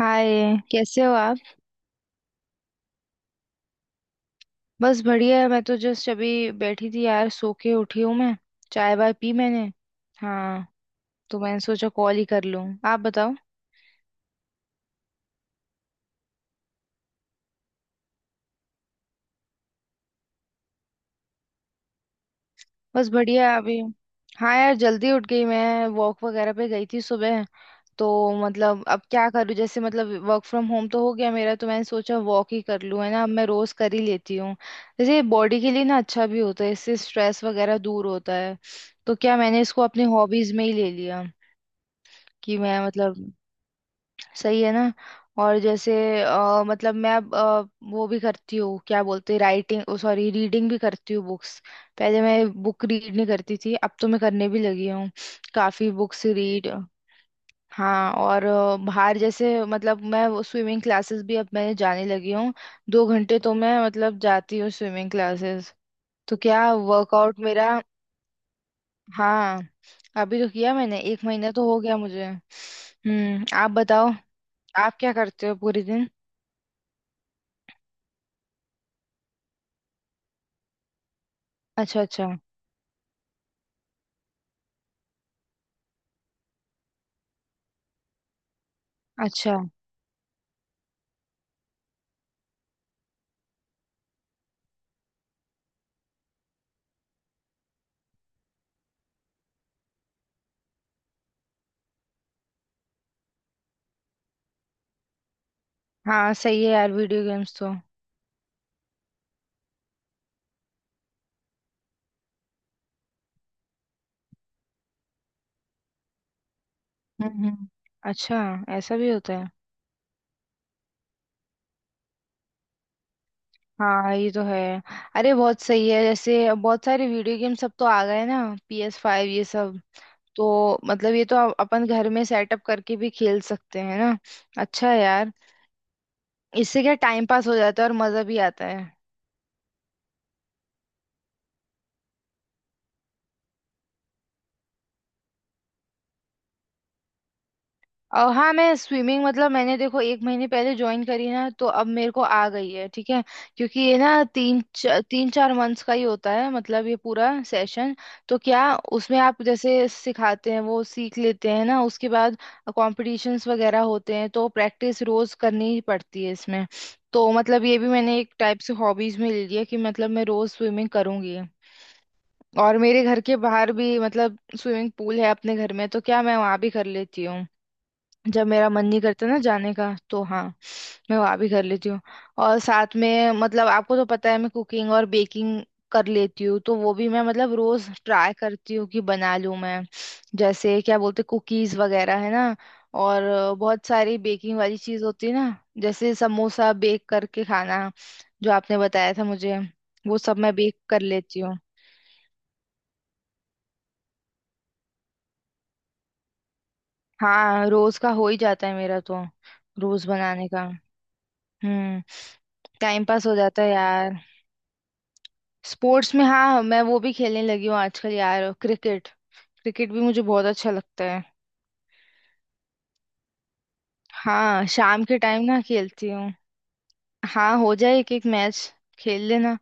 हाय, कैसे हो आप? बस बढ़िया है। मैं तो जस्ट अभी बैठी थी यार, सो के उठी हूँ मैं। चाय वाय पी मैंने। हाँ, तो मैंने सोचा कॉल ही कर लूँ, आप बताओ। बस बढ़िया है अभी। हाँ यार, जल्दी उठ गई मैं, वॉक वगैरह पे गई थी सुबह। तो मतलब अब क्या करूँ, जैसे मतलब वर्क फ्रॉम होम तो हो गया मेरा, तो मैंने सोचा वॉक ही कर लूँ, है ना। अब मैं रोज कर ही लेती हूँ। जैसे बॉडी के लिए ना अच्छा भी होता है, इससे स्ट्रेस वगैरह दूर होता है। तो क्या मैंने इसको अपनी हॉबीज में ही ले लिया, कि मैं मतलब। सही है ना। और जैसे मतलब मैं अब वो भी करती हूँ, क्या बोलते राइटिंग, ओ सॉरी रीडिंग भी करती हूँ बुक्स। पहले मैं बुक रीड नहीं करती थी, अब तो मैं करने भी लगी हूँ, काफी बुक्स रीड। हाँ और बाहर जैसे मतलब मैं वो स्विमिंग क्लासेस भी अब मैंने जाने लगी हूँ। 2 घंटे तो मैं मतलब जाती हूँ स्विमिंग क्लासेस। तो क्या वर्कआउट मेरा। हाँ, अभी तो किया मैंने, एक महीना तो हो गया मुझे। आप बताओ। आप क्या करते हो पूरे दिन? अच्छा अच्छा। अच्छा। हाँ सही है यार, वीडियो गेम्स तो। हम्म। हम्म। अच्छा, ऐसा भी होता है? हाँ ये तो है। अरे बहुत सही है, जैसे बहुत सारे वीडियो गेम सब तो आ गए ना, PS5 ये सब। तो मतलब ये तो अपन घर में सेटअप करके भी खेल सकते हैं ना। अच्छा है यार। इससे क्या टाइम पास हो जाता है और मजा भी आता है। और हाँ, मैं स्विमिंग मतलब मैंने देखो एक महीने पहले ज्वाइन करी ना, तो अब मेरे को आ गई है, ठीक है। क्योंकि ये ना 3 4 मंथ्स का ही होता है, मतलब ये पूरा सेशन। तो क्या उसमें आप जैसे सिखाते हैं वो सीख लेते हैं ना, उसके बाद कॉम्पिटिशन्स वगैरह होते हैं, तो प्रैक्टिस रोज करनी ही पड़ती है इसमें। तो मतलब ये भी मैंने एक टाइप से हॉबीज में ले लिया, कि मतलब मैं रोज स्विमिंग करूंगी। और मेरे घर के बाहर भी मतलब स्विमिंग पूल है अपने घर में, तो क्या मैं वहां भी कर लेती हूँ। जब मेरा मन नहीं करता ना जाने का तो हाँ, मैं वहाँ भी कर लेती हूँ। और साथ में मतलब आपको तो पता है मैं कुकिंग और बेकिंग कर लेती हूँ, तो वो भी मैं मतलब रोज ट्राई करती हूँ कि बना लूँ मैं। जैसे क्या बोलते, कुकीज वगैरह है ना। और बहुत सारी बेकिंग वाली चीज होती है ना, जैसे समोसा बेक करके खाना, जो आपने बताया था मुझे, वो सब मैं बेक कर लेती हूँ। हाँ रोज का हो ही जाता है मेरा तो, रोज बनाने का। हम्म। टाइम पास हो जाता है यार। स्पोर्ट्स में हाँ, मैं वो भी खेलने लगी हूँ आजकल यार, क्रिकेट। क्रिकेट भी मुझे बहुत अच्छा लगता है। हाँ, शाम के टाइम ना खेलती हूँ। हाँ, हो जाए एक एक मैच, खेल लेना।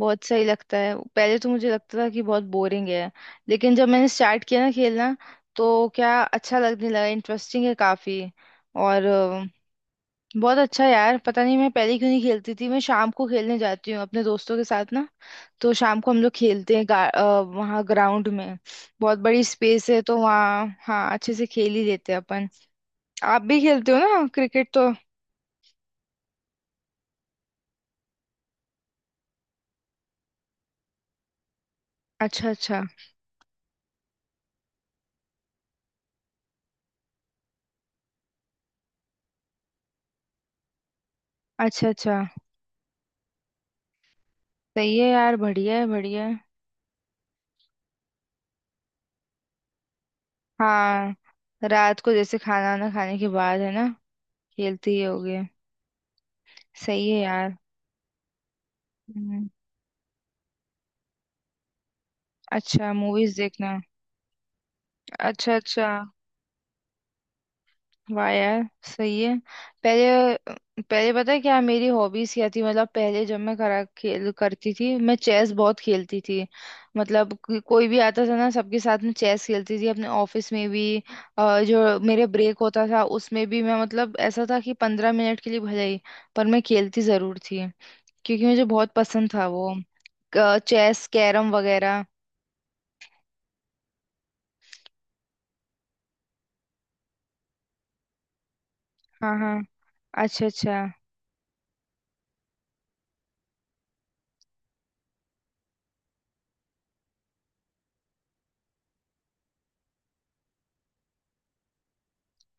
बहुत सही लगता है, पहले तो मुझे लगता था कि बहुत बोरिंग है, लेकिन जब मैंने स्टार्ट किया ना खेलना, तो क्या अच्छा लगने लगा, इंटरेस्टिंग है काफी। और बहुत अच्छा है यार, पता नहीं मैं पहले क्यों नहीं खेलती थी। मैं शाम को खेलने जाती हूँ अपने दोस्तों के साथ ना, तो शाम को हम लोग खेलते हैं वहाँ ग्राउंड में। बहुत बड़ी स्पेस है, तो वहाँ हाँ अच्छे से खेल ही लेते हैं अपन। आप भी खेलते हो ना क्रिकेट तो? अच्छा अच्छा। अच्छा अच्छा। सही है यार, बढ़िया है बढ़िया है। हाँ, रात को जैसे खाना वाना खाने के बाद है ना, खेलते ही होगे। सही है यार। हम्म, अच्छा मूवीज देखना। अच्छा अच्छा। वाह यार। सही है। पहले पहले पता है क्या मेरी हॉबीज क्या थी, मतलब पहले जब मैं करा खेल करती थी, मैं चेस बहुत खेलती थी। मतलब कोई भी आता था ना, सबके साथ में चेस खेलती थी अपने ऑफिस में भी। जो मेरे ब्रेक होता था उसमें भी मैं मतलब, ऐसा था कि 15 मिनट के लिए भले ही, पर मैं खेलती जरूर थी, क्योंकि मुझे बहुत पसंद था वो, चेस कैरम वगैरह। हाँ हाँ। अच्छा अच्छा।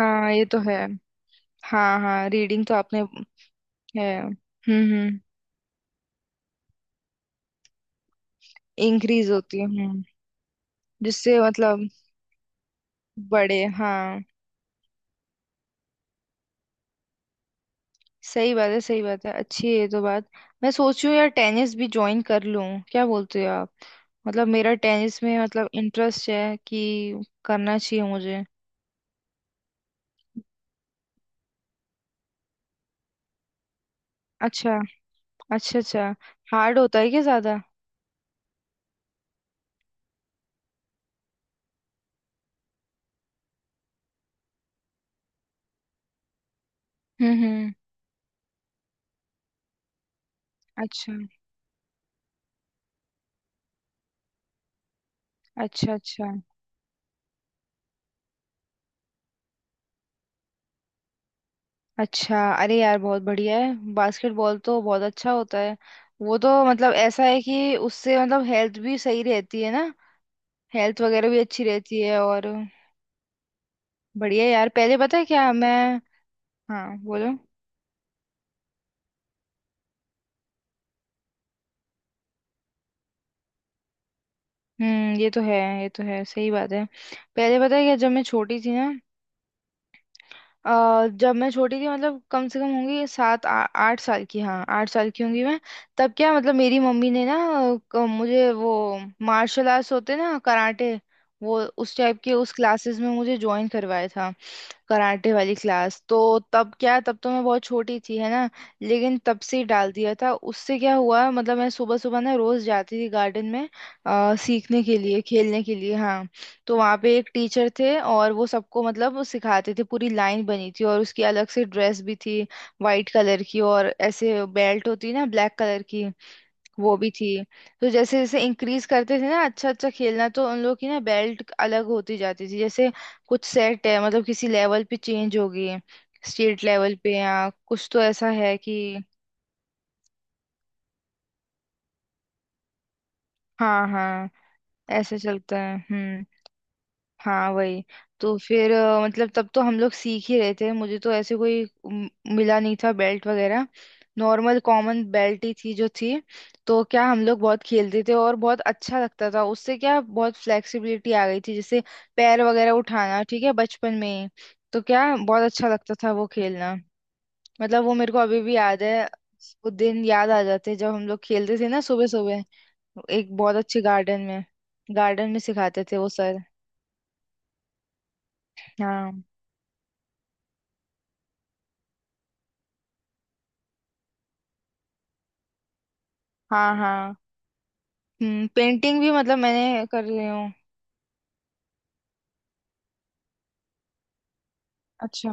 हाँ ये तो है। हाँ हाँ, रीडिंग तो आपने। है। हम्म। हम्म। इंक्रीज होती है। हम्म। जिससे मतलब। बड़े हाँ। सही बात है सही बात है, अच्छी है ये तो बात। मैं सोच रही हूँ यार, टेनिस भी ज्वाइन कर लूँ, क्या बोलते हो आप? मतलब मेरा टेनिस में मतलब इंटरेस्ट है, कि करना चाहिए मुझे। अच्छा। अच्छा अच्छा। हार्ड होता है क्या ज्यादा? हम्म। हम्म। अच्छा। अच्छा अच्छा। अच्छा। अरे यार बहुत बढ़िया है, बास्केटबॉल तो बहुत अच्छा होता है। वो तो मतलब ऐसा है कि उससे मतलब हेल्थ भी सही रहती है ना। हेल्थ वगैरह भी अच्छी रहती है। और बढ़िया यार, पहले पता है क्या मैं। हाँ बोलो। ये तो है। ये तो है, सही बात है। पहले पता है क्या, जब मैं छोटी थी ना, जब मैं छोटी थी, मतलब कम से कम होंगी आठ साल की, हाँ 8 साल की होंगी मैं। तब क्या, मतलब मेरी मम्मी ने ना मुझे वो मार्शल आर्ट्स होते ना कराटे, वो उस टाइप के उस क्लासेस में मुझे ज्वाइन करवाया था, कराटे वाली क्लास तो। तब क्या, तब तो मैं बहुत छोटी थी है ना, लेकिन तब से ही डाल दिया था। उससे क्या हुआ मतलब, मैं सुबह सुबह ना रोज जाती थी गार्डन में, सीखने के लिए खेलने के लिए, हाँ। तो वहाँ पे एक टीचर थे और वो सबको मतलब वो सिखाते थे, पूरी लाइन बनी थी, और उसकी अलग से ड्रेस भी थी, वाइट कलर की। और ऐसे बेल्ट होती है ना ब्लैक कलर की, वो भी थी। तो जैसे जैसे इंक्रीज करते थे ना अच्छा अच्छा खेलना, तो उन लोग की ना बेल्ट अलग होती जाती थी, जैसे कुछ सेट है, मतलब किसी लेवल पे चेंज हो गई, स्टेट लेवल पे या कुछ, तो ऐसा है कि। हाँ हाँ, ऐसे चलता है। हम्म। हाँ वही। तो फिर मतलब तब तो हम लोग सीख ही रहे थे, मुझे तो ऐसे कोई मिला नहीं था बेल्ट वगैरह, नॉर्मल कॉमन बेल्ट ही थी जो थी। तो क्या हम लोग बहुत खेलते थे और बहुत अच्छा लगता था। उससे क्या बहुत फ्लेक्सिबिलिटी आ गई थी, जैसे पैर वगैरह उठाना, ठीक है बचपन में ही। तो क्या बहुत अच्छा लगता था वो खेलना, मतलब वो मेरे को अभी भी याद है। वो दिन याद आ जाते हैं जब हम लोग खेलते थे ना सुबह सुबह, एक बहुत अच्छे गार्डन में। गार्डन में सिखाते थे वो सर। हाँ हाँ। हाँ। पेंटिंग भी मतलब मैंने कर रही हूँ। अच्छा।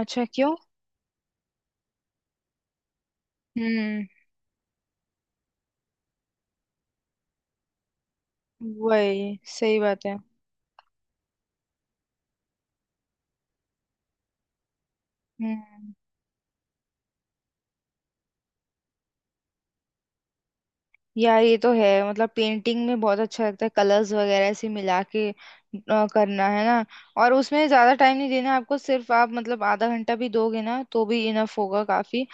अच्छा क्यों? हम्म वही सही बात है। हम्म यार ये तो है, मतलब पेंटिंग में बहुत अच्छा लगता है, कलर्स वगैरह ऐसे मिला के करना है ना। और उसमें ज्यादा टाइम नहीं देना आपको, सिर्फ आप मतलब आधा घंटा भी दोगे ना तो भी इनफ होगा काफी।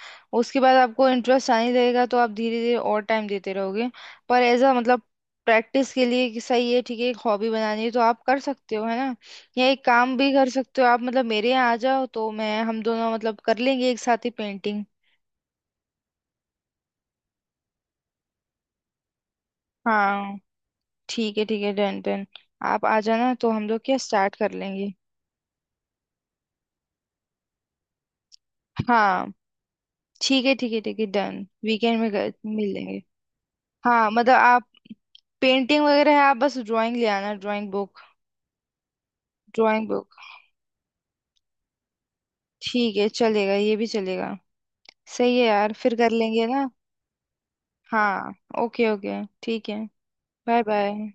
उसके बाद आपको इंटरेस्ट आने लगेगा, तो आप धीरे धीरे और टाइम देते रहोगे। पर एज अ मतलब प्रैक्टिस के लिए, कि सही है ठीक है, एक हॉबी बनानी है तो आप कर सकते हो है ना। या एक काम भी कर सकते हो आप, मतलब मेरे यहाँ आ जाओ तो मैं हम दोनों मतलब कर लेंगे एक साथ ही पेंटिंग। हाँ। ठीक है ठीक है, डन डन। आप आ जाना तो हम लोग क्या स्टार्ट कर लेंगे। हाँ। ठीक है ठीक है ठीक है डन, वीकेंड में मिल लेंगे। हाँ, मतलब आप पेंटिंग वगैरह है, आप बस ड्राइंग ले आना, ड्राइंग बुक। Drawing book. ठीक है चलेगा, ये भी चलेगा। सही है यार, फिर कर लेंगे ना। हाँ। ओके ओके ठीक है। Bye bye.